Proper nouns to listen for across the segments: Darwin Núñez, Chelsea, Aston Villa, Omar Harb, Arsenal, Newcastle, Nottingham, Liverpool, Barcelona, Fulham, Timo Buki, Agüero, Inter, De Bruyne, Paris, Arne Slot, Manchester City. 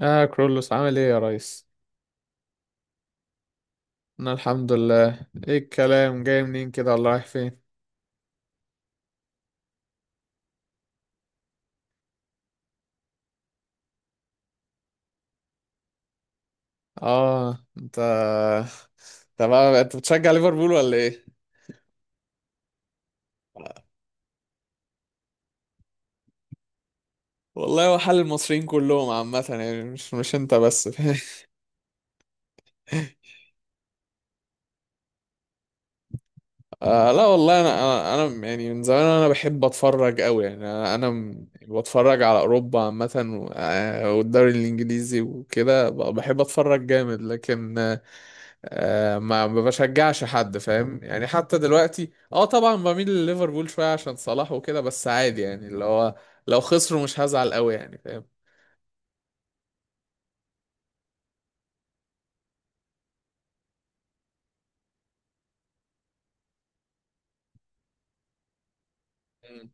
اه كرولوس، عامل ايه يا ريس؟ انا الحمد لله. ايه الكلام، جاي منين كده ولا رايح فين؟ اه انت انت بتشجع ليفربول ولا ايه؟ والله هو حال المصريين كلهم عامة يعني، مش انت بس. لا والله انا، انا أنا يعني من زمان انا بحب اتفرج قوي، يعني بتفرج على اوروبا عامه. والدوري الانجليزي وكده بحب اتفرج جامد، لكن ما بشجعش حد، فاهم يعني. حتى دلوقتي طبعا بميل لليفربول شويه عشان صلاح وكده، بس عادي يعني اللي هو لو خسروا مش هزعل قوي، يعني فاهم. مم.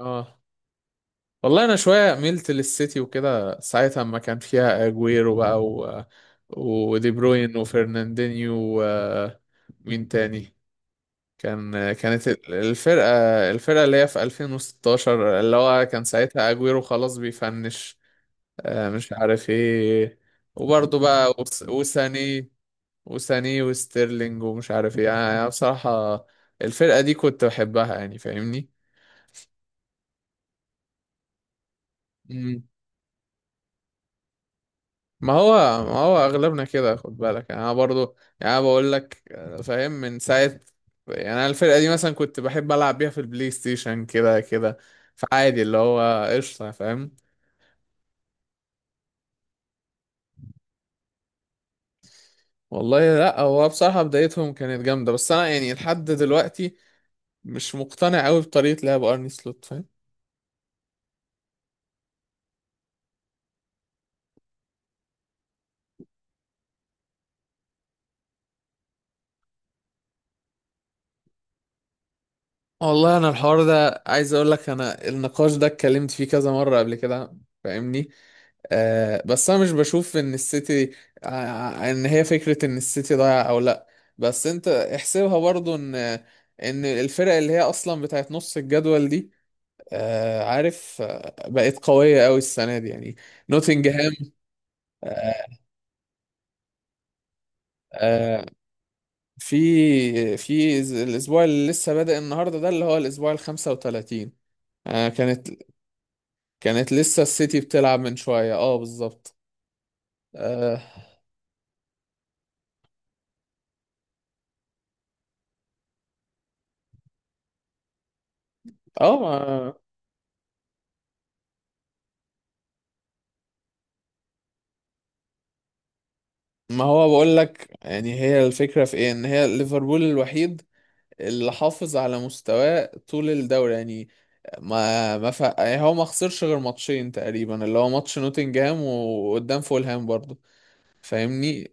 اه والله انا شويه ميلت للسيتي وكده ساعتها، اما كان فيها اجويرو بقى ودي بروين وفرناندينيو، ومين تاني. كانت الفرقه اللي هي في 2016، اللي هو كان ساعتها اجويرو خلاص بيفنش، مش عارف ايه. وبرضه بقى وساني وستيرلينج ومش عارف ايه، يعني انا بصراحة الفرقة دي كنت بحبها يعني فاهمني. مم. ما هو ما هو اغلبنا كده، خد بالك. يعني انا برضه، يعني انا بقول لك فاهم من ساعة. يعني انا الفرقة دي مثلا كنت بحب العب بيها في البلاي ستيشن كده كده، فعادي اللي هو قشطة فاهم. والله لا، هو بصراحة بدايتهم كانت جامدة، بس انا يعني لحد دلوقتي مش مقتنع قوي بطريقة لعب ارني سلوت، فاهم. والله انا الحوار ده، عايز اقول لك انا النقاش ده اتكلمت فيه كذا مره قبل كده، فاهمني. بس انا مش بشوف ان السيتي، ان هي فكره ان السيتي ضايع او لا. بس انت احسبها برضو ان الفرق اللي هي اصلا بتاعت نص الجدول دي، عارف، بقت قويه قوي السنه دي يعني. نوتنجهام. آه آه، في الاسبوع اللي لسه بادئ النهارده ده، اللي هو الاسبوع ال 35. آه كانت كانت لسه السيتي بتلعب من شوية، بالظبط. اه ما ما هو بقول لك يعني، هي الفكرة في ايه، ان هي ليفربول الوحيد اللي حافظ على مستواه طول الدوري يعني. ما ما ف... يعني هو ما خسرش غير ماتشين تقريبا، اللي هو ماتش نوتنجهام وقدام فولهام برضه، فاهمني.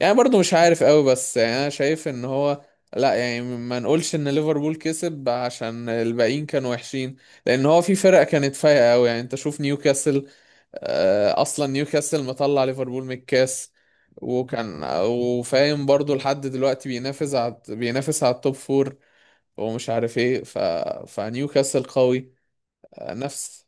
يعني برضو مش عارف قوي، بس يعني انا شايف ان هو، لا يعني ما نقولش ان ليفربول كسب عشان الباقيين كانوا وحشين. لان هو في فرق كانت فايقه قوي، يعني انت شوف نيوكاسل، اصلا نيوكاسل مطلع ليفربول من الكاس. وكان وفاهم برضو لحد دلوقتي بينافس على التوب فور ومش عارف ايه، فنيوكاسل قوي، آه، نفس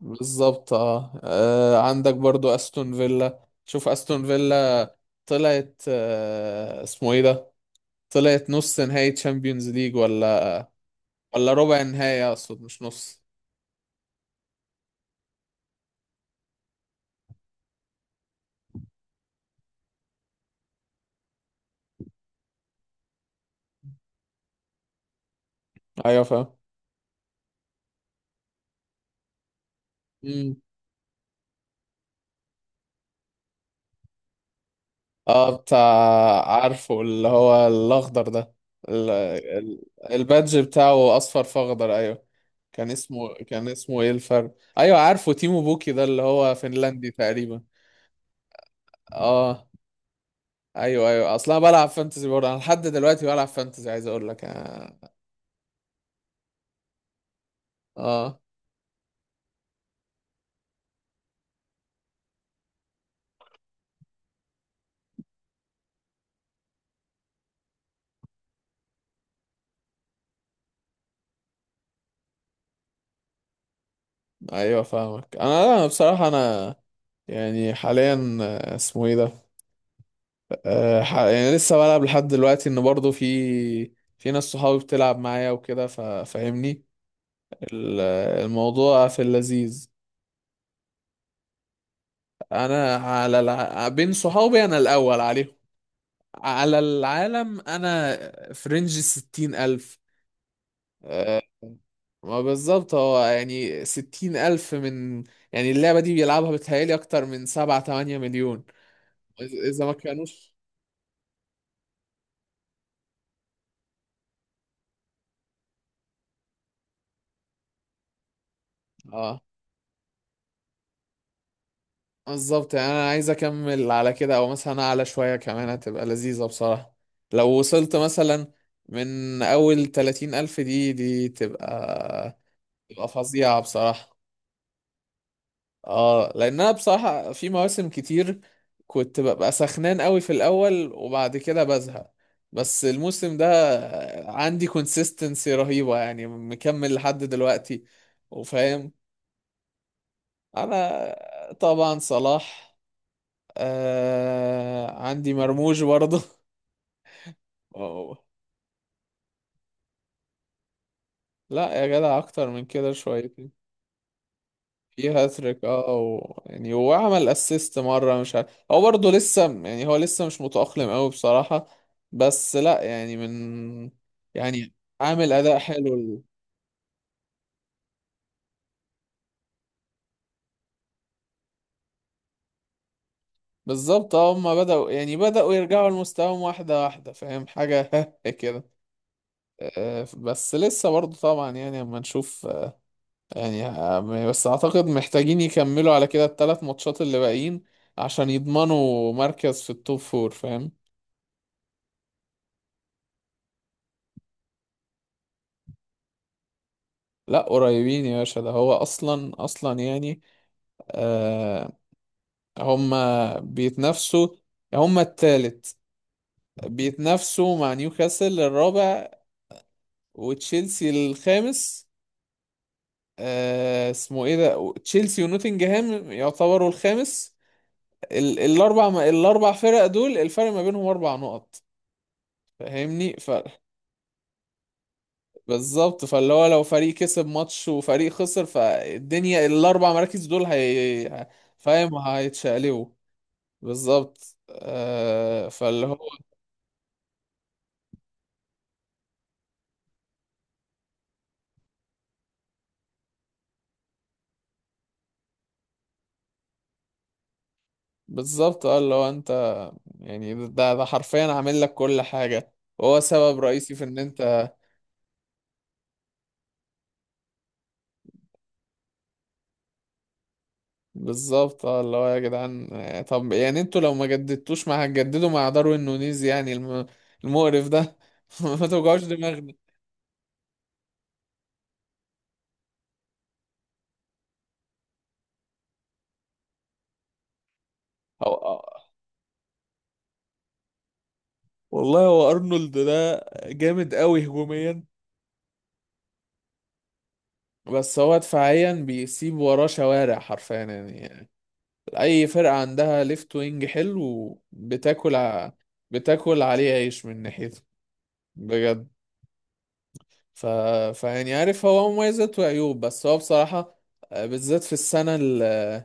بالظبط. عندك برضو استون فيلا، شوف استون فيلا طلعت، اسمه ايه ده، طلعت نص نهائي تشامبيونز ليج، ولا ربع نهائي، اقصد مش نص. ايوه فاهم. مم. اه بتاع، عارفه اللي هو الاخضر ده، ال- ال- البادج بتاعه اصفر فاخضر، ايوه. كان اسمه ايه الفرق، ايوه عارفه، تيمو بوكي ده اللي هو فنلندي تقريبا. اه ايوه ايوه، اصلا بلعب فانتزي برضه، انا لحد دلوقتي بلعب فانتزي عايز اقول لك، آه، ايوه فاهمك. انا بصراحه يعني حاليا، اسمه ايه ده. يعني لسه بلعب لحد دلوقتي، ان برضه في ناس صحابي بتلعب معايا وكده ففاهمني. ال- الموضوع في اللذيذ. انا على بين صحابي انا الاول عليهم، على العالم انا، في رينج الستين الف. آه، ما بالظبط، هو يعني 60,000 من، يعني اللعبة دي بيلعبها بتهيألي أكتر من سبعة تمانية مليون. إذ- إذا ما كانوش، اه بالظبط. يعني أنا عايز أكمل على كده، أو مثلا أعلى شوية كمان هتبقى لذيذة بصراحة. لو وصلت مثلا من أول 30,000 دي تبقى فظيعة بصراحة. اه لان انا بصراحة في مواسم كتير كنت ببقى سخنان قوي في الاول، وبعد كده بزهق. بس الموسم ده عندي كونسيستنسي رهيبة، يعني مكمل لحد دلوقتي وفاهم. انا طبعا صلاح، عندي مرموش برضه. أوه. لا يا جدع، اكتر من كده شوية. في هاتريك يعني هو عمل اسيست مره، مش عارف، هو برضه لسه يعني هو لسه مش متأقلم قوي بصراحه. بس لا يعني، من، يعني عامل اداء حلو بالظبط. اه هما بدأوا يرجعوا لمستواهم واحده واحده، فاهم حاجه. كده. بس لسه برضه طبعا، يعني اما نشوف، يعني آه، بس اعتقد محتاجين يكملوا على كده الثلاث ماتشات اللي باقيين عشان يضمنوا مركز في التوب فور، فاهم. لا قريبين يا باشا، ده هو اصلا اصلا يعني، آه هما بيتنافسوا، هما التالت، بيتنافسوا مع نيوكاسل الرابع وتشيلسي الخامس. آه اسمه ايه ده تشيلسي ونوتنجهام يعتبروا الخامس. الاربع فرق دول، الفرق ما بينهم اربع نقط، فاهمني. بالظبط، فاللي هو لو فريق كسب ماتش وفريق خسر فالدنيا الاربع مراكز دول هي، فاهم، هيتشقلبوا. بالظبط. فاللي هو بالظبط، اللي هو انت، يعني ده حرفيا عامل لك كل حاجة وهو سبب رئيسي في ان انت، بالظبط. اه اللي هو يا جدعان، طب يعني انتوا لو ما جددتوش مع، هتجددوا مع داروين نونيز يعني المقرف ده. ما توجعوش دماغنا. هو آه، والله هو ارنولد ده جامد قوي هجوميا، بس هو دفاعيا بيسيب وراه شوارع حرفيا. يعني اي فرقة عندها ليفت وينج حلو بتاكل بتاكل عليه عيش من ناحيته بجد. ف... فيعني عارف هو مميزات وعيوب، بس هو بصراحة بالذات في السنة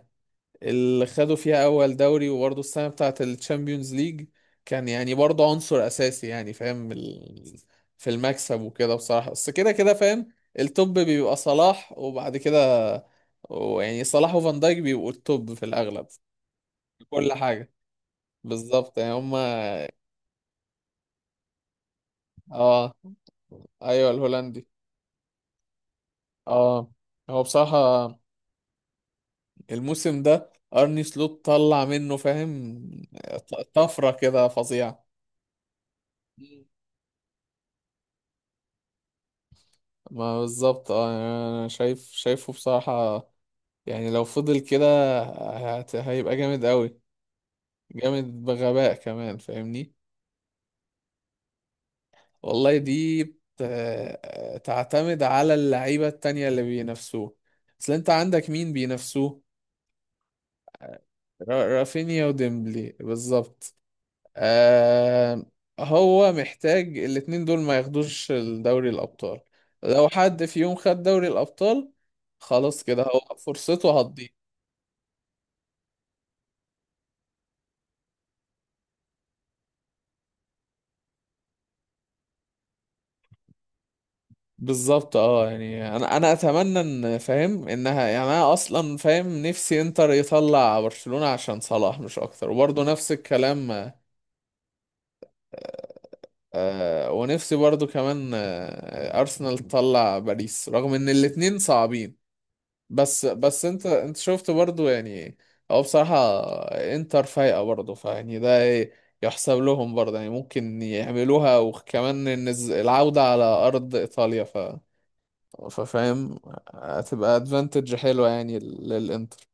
اللي خدوا فيها اول دوري، وبرضه السنة بتاعة الشامبيونز ليج كان يعني برضه عنصر اساسي، يعني فاهم في المكسب وكده بصراحة، بس كده كده فاهم. التوب بيبقى صلاح، وبعد كده ويعني صلاح وفان دايك بيبقوا التوب في الاغلب في كل حاجة. بالظبط، يعني هما، اه ايوه الهولندي. اه هو بصراحة الموسم ده ارني سلوت طلع منه، فاهم، طفرة كده فظيعة. مم. ما بالظبط، يعني انا شايفه بصراحة يعني، لو فضل كده هيبقى جامد قوي، جامد بغباء كمان فاهمني. والله دي تعتمد على اللعيبة التانية اللي بينافسوه، اصل انت عندك مين بينافسوه؟ رافينيا وديمبلي، بالظبط. آه هو محتاج الاتنين دول ما ياخدوش دوري الأبطال. لو حد في يوم خد دوري الأبطال، خلاص كده هو فرصته هتضيع. بالظبط. اه يعني انا اتمنى ان، فاهم انها يعني، انا اصلا فاهم نفسي انتر يطلع برشلونة عشان صلاح مش اكتر، وبرضه نفس الكلام. ونفسي برضه كمان ارسنال تطلع باريس، رغم ان الاتنين صعبين. بس انت شفت برضو يعني، هو بصراحة انتر فايقة برضو، فيعني ده ايه، يحسب لهم برضو يعني، ممكن يعملوها، وكمان ان العودة على ارض ايطاليا، ف ففاهم هتبقى ادفانتج حلوة يعني للانتر.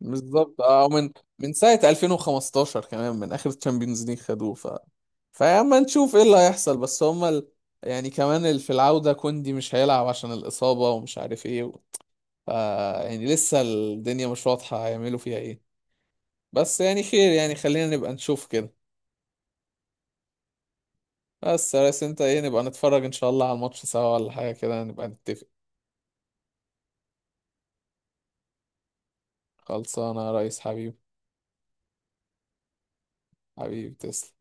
بالظبط. اه من ساعة 2015، كمان من اخر تشامبيونز ليج خدوه، فاما نشوف ايه اللي هيحصل، بس هما يعني كمان في العودة كوندي مش هيلعب عشان الإصابة، ومش عارف ايه، ف- يعني لسه الدنيا مش واضحة هيعملوا فيها ايه. بس يعني خير، يعني خلينا نبقى نشوف كده. بس يا ريس انت ايه، نبقى نتفرج ان شاء الله على الماتش سوا، ولا حاجة كده نبقى نتفق؟ خلصانة يا ريس حبيبي، حبيبي تسلم.